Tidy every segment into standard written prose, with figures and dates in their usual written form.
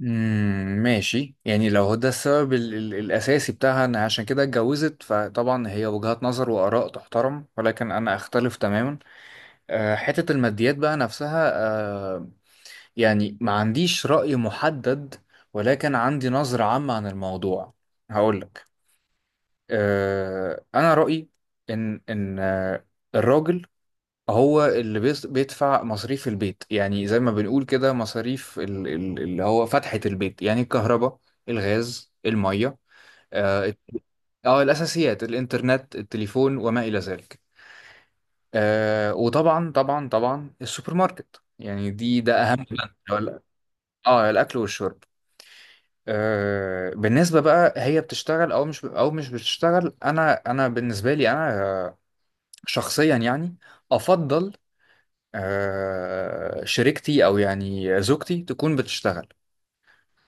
ماشي، يعني لو هو ده السبب ال ال الأساسي بتاعها إن عشان كده اتجوزت، فطبعا هي وجهات نظر وآراء تحترم، ولكن أنا أختلف تماما. حتة الماديات بقى نفسها. أه يعني ما عنديش رأي محدد، ولكن عندي نظرة عامة عن الموضوع. هقولك. أنا رأيي إن الراجل هو اللي بيدفع مصاريف البيت، يعني زي ما بنقول كده مصاريف اللي هو فتحة البيت، يعني الكهرباء الغاز المية اه الت- الأساسيات الإنترنت التليفون وما إلى ذلك. وطبعا طبعا طبعا السوبر ماركت، يعني ده أهم بند ولا- اه الأكل والشرب. بالنسبة بقى هي بتشتغل أو مش أو مش بتشتغل، أنا بالنسبة لي أنا آه، شخصيا يعني أفضل شريكتي او يعني زوجتي تكون بتشتغل.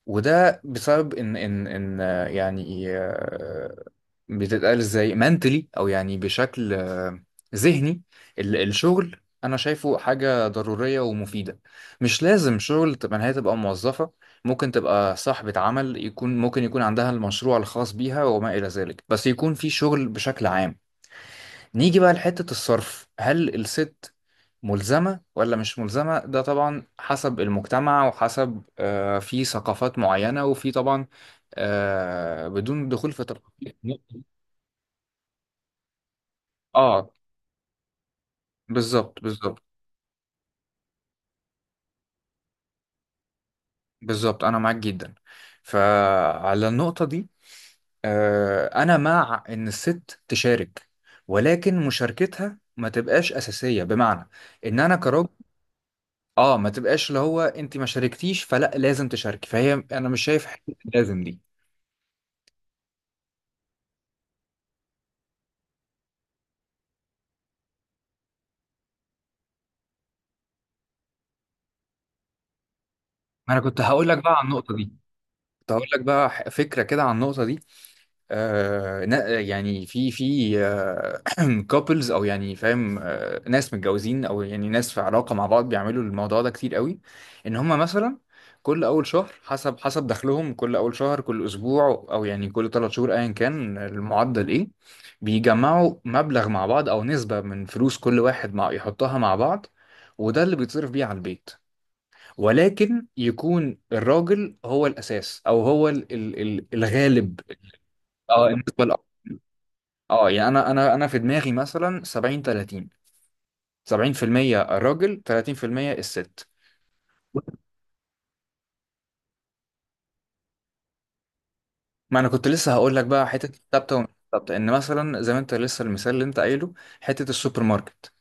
وده بسبب ان يعني بتتقال ازاي منتلي او يعني بشكل ذهني. الشغل انا شايفه حاجة ضرورية ومفيدة. مش لازم شغل تبقى إن هي تبقى موظفة. ممكن تبقى صاحبة عمل، يكون ممكن يكون عندها المشروع الخاص بيها وما إلى ذلك، بس يكون في شغل بشكل عام. نيجي بقى لحتة الصرف، هل الست ملزمة ولا مش ملزمة؟ ده طبعا حسب المجتمع وحسب في ثقافات معينة وفي طبعا بدون دخول في تفاصيل. اه، بالظبط بالظبط بالظبط، انا معاك جدا. فعلى النقطة دي انا مع ان الست تشارك، ولكن مشاركتها ما تبقاش اساسية، بمعنى ان انا كراجل اه ما تبقاش اللي هو انت ما شاركتيش فلا لازم تشاركي، فهي انا مش شايف حته لازم دي. ما انا كنت هقول لك بقى عن النقطه دي. كنت هقول لك بقى فكره كده عن النقطه دي. يعني في كابلز او يعني فاهم، ناس متجوزين او يعني ناس في علاقه مع بعض بيعملوا الموضوع ده كتير قوي. ان هم مثلا كل اول شهر حسب دخلهم، كل اول شهر كل اسبوع او يعني كل ثلاث شهور ايا كان المعدل ايه، بيجمعوا مبلغ مع بعض او نسبه من فلوس كل واحد مع يحطها مع بعض، وده اللي بيتصرف بيه على البيت. ولكن يكون الراجل هو الاساس او هو الغالب. اه، النسبه، اه يعني انا في دماغي مثلا 70 30. 70% الراجل، 30% الست. ما انا كنت لسه هقول لك بقى حته الثابته ومش الثابته، ان مثلا زي ما انت لسه المثال اللي انت قايله حته السوبر ماركت.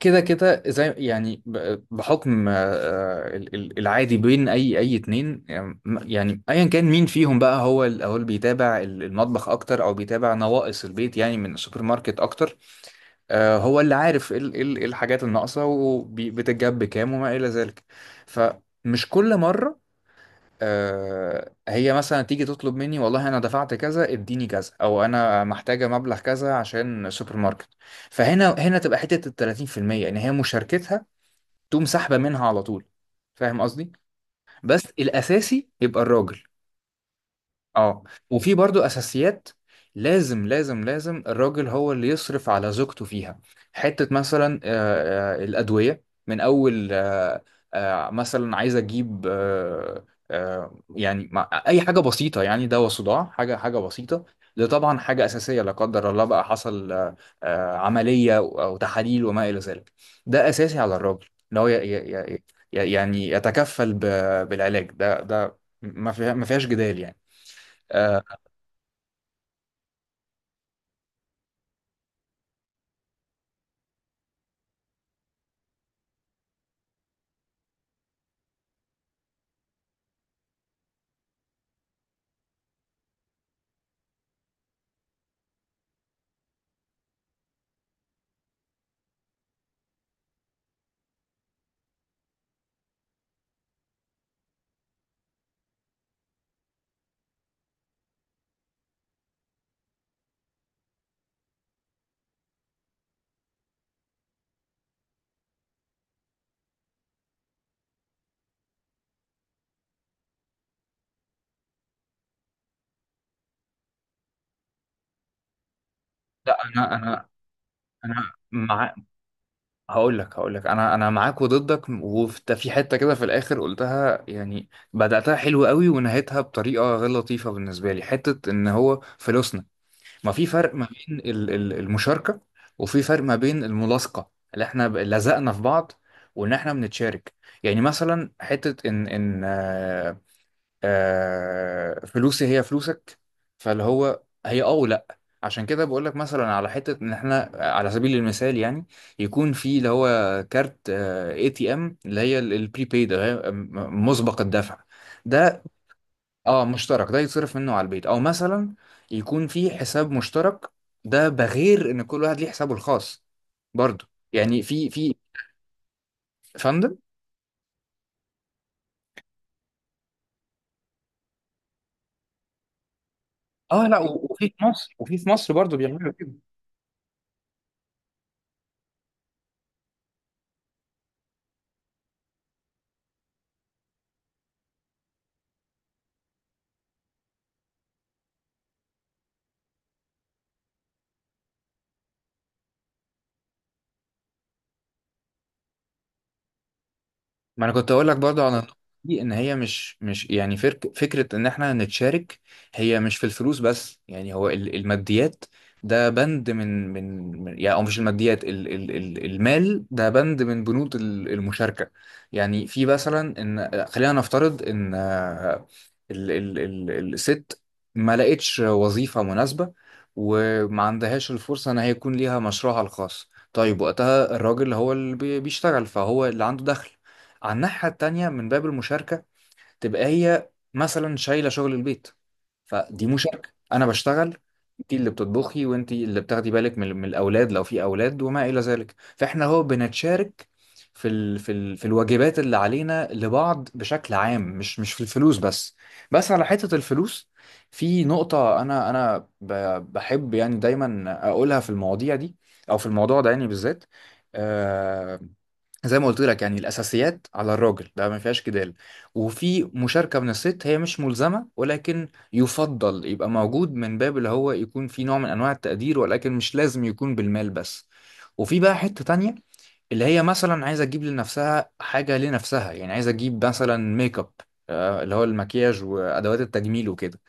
كده كده زي يعني بحكم العادي بين اي اتنين، يعني ايا كان مين فيهم بقى هو اللي بيتابع المطبخ اكتر او بيتابع نواقص البيت يعني من السوبر ماركت اكتر. هو اللي عارف ايه ال- إيه ال- إيه الحاجات الناقصة وبتتجاب بكام وما إلى ذلك. فمش كل مرة هي مثلا تيجي تطلب مني والله أنا دفعت كذا اديني كذا، أو أنا محتاجة مبلغ كذا عشان سوبر ماركت. هنا تبقى حتة ال 30%، إن هي مشاركتها تقوم سحبة منها على طول. فاهم قصدي؟ بس الأساسي يبقى الراجل. اه، وفي برضو اساسيات لازم لازم لازم الراجل هو اللي يصرف على زوجته فيها. حتة مثلا الأدوية، من أول مثلا عايز أجيب أي حاجة بسيطة، يعني دواء صداع، حاجة حاجة بسيطة. ده طبعا حاجة أساسية. لا قدر الله بقى حصل عملية أو تحاليل وما إلى ذلك، ده أساسي على الراجل إن هو يعني يتكفل بالعلاج ده ما فيهاش جدال يعني. آه، لا، انا انا انا مع هقول لك انا معاك وضدك، وفي في حته كده في الاخر قلتها، يعني بداتها حلو قوي ونهيتها بطريقه غير لطيفه بالنسبه لي، حته ان هو فلوسنا. ما في فرق ما بين المشاركه وفي فرق ما بين الملاصقه اللي احنا لزقنا في بعض وان احنا بنتشارك. يعني مثلا حته ان فلوسي هي فلوسك. فاللي هو هي اه ولا عشان كده بقول لك مثلا على حته ان احنا على سبيل المثال يعني يكون في اللي هو كارت اي تي ام، اللي هي البريبيد، اللي هي مسبق الدفع ده. اه، مشترك، ده يتصرف منه على البيت او مثلا يكون في حساب مشترك، ده بغير ان كل واحد ليه حسابه الخاص برضه، يعني في في فندم. اه، لا وفي مصر، وفي مصر برضه بيعملوا كده. ما انا كنت اقول لك برضو على النقطة دي، ان هي مش يعني فرك فكره ان احنا نتشارك. هي مش في الفلوس بس، يعني هو الماديات ده بند من يعني او مش الماديات، ال ال ال المال ده بند من بنود المشاركه. يعني في مثلا ان خلينا نفترض ان ال ال ال الست ما لقتش وظيفه مناسبه وما عندهاش الفرصه ان هي يكون ليها مشروعها الخاص. طيب وقتها الراجل هو اللي بيشتغل، فهو اللي عنده دخل. على الناحية التانية، من باب المشاركة تبقى هي مثلا شايلة شغل البيت. فدي مشاركة. أنا بشتغل، أنت اللي بتطبخي وأنت اللي بتاخدي بالك من الأولاد لو في أولاد وما إلى ذلك، فإحنا هو بنتشارك في في الواجبات اللي علينا لبعض بشكل عام، مش في الفلوس بس. بس على حتة الفلوس في نقطة أنا بحب يعني دايما أقولها في المواضيع دي أو في الموضوع ده يعني بالذات. آه، زي ما قلت لك، يعني الاساسيات على الراجل ده ما فيهاش جدال. وفي مشاركه من الست، هي مش ملزمه، ولكن يفضل يبقى موجود من باب اللي هو يكون في نوع من انواع التقدير، ولكن مش لازم يكون بالمال بس. وفي بقى حته تانية، اللي هي مثلا عايزه تجيب لنفسها حاجه لنفسها، يعني عايزه تجيب مثلا ميك اب، اللي هو المكياج وادوات التجميل وكده.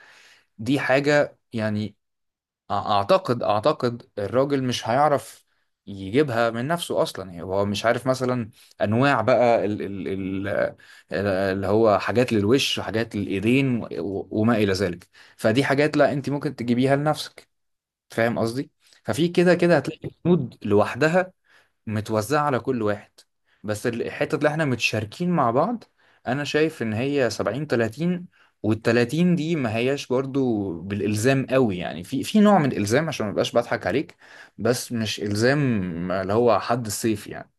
دي حاجه يعني اعتقد الراجل مش هيعرف يجيبها من نفسه اصلا، يعني هو مش عارف مثلا انواع بقى اللي هو حاجات للوش وحاجات للايدين وما الى ذلك. فدي حاجات لا انت ممكن تجيبيها لنفسك. فاهم قصدي؟ ففي كده كده هتلاقي الكنود لوحدها متوزعة على كل واحد. بس الحتة اللي احنا متشاركين مع بعض انا شايف ان هي 70 30. وال30 دي ما هياش برضو بالالزام قوي، يعني في نوع من الالزام عشان ما ابقاش بضحك عليك، بس مش الزام اللي هو حد السيف يعني.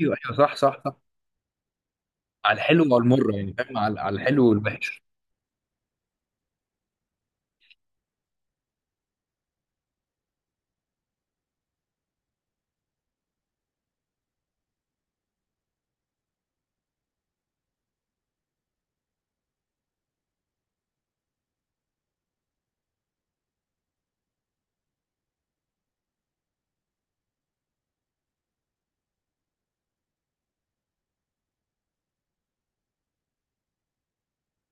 ايوه ايوه، صح صح صح. على الحلو وعلى المر، يعني فاهم، على على الحلو والوحش.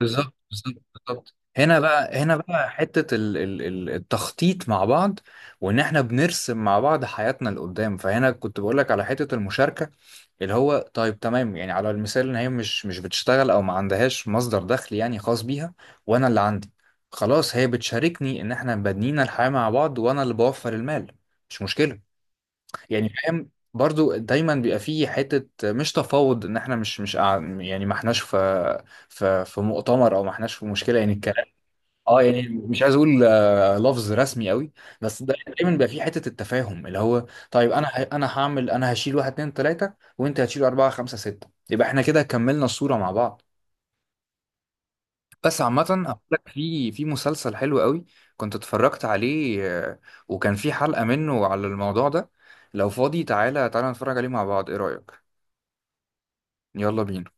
بالظبط بالظبط بالظبط. هنا بقى، هنا بقى حتة التخطيط مع بعض، وان احنا بنرسم مع بعض حياتنا لقدام. فهنا كنت بقول لك على حتة المشاركة اللي هو طيب تمام، يعني على المثال ان هي مش بتشتغل او ما عندهاش مصدر دخل يعني خاص بيها، وانا اللي عندي. خلاص، هي بتشاركني ان احنا بنينا الحياة مع بعض وانا اللي بوفر المال، مش مشكلة. يعني فاهم، برضو دايما بيبقى فيه حتة مش تفاوض، ان احنا مش مش قاع- يعني ما احناش في في مؤتمر او ما احناش في مشكلة يعني الكلام. اه، يعني مش عايز اقول لفظ رسمي قوي، بس ده دايما بيبقى في حته التفاهم اللي هو طيب. انا هعمل، انا هشيل واحد اتنين تلاته وانت هتشيل اربعه خمسه سته، يبقى احنا كده كملنا الصوره مع بعض. بس عامه، هقول لك في مسلسل حلو قوي كنت اتفرجت عليه، وكان في حلقه منه على الموضوع ده. لو فاضي تعالى تعالى نتفرج عليه مع بعض، ايه رايك؟ يلا بينا.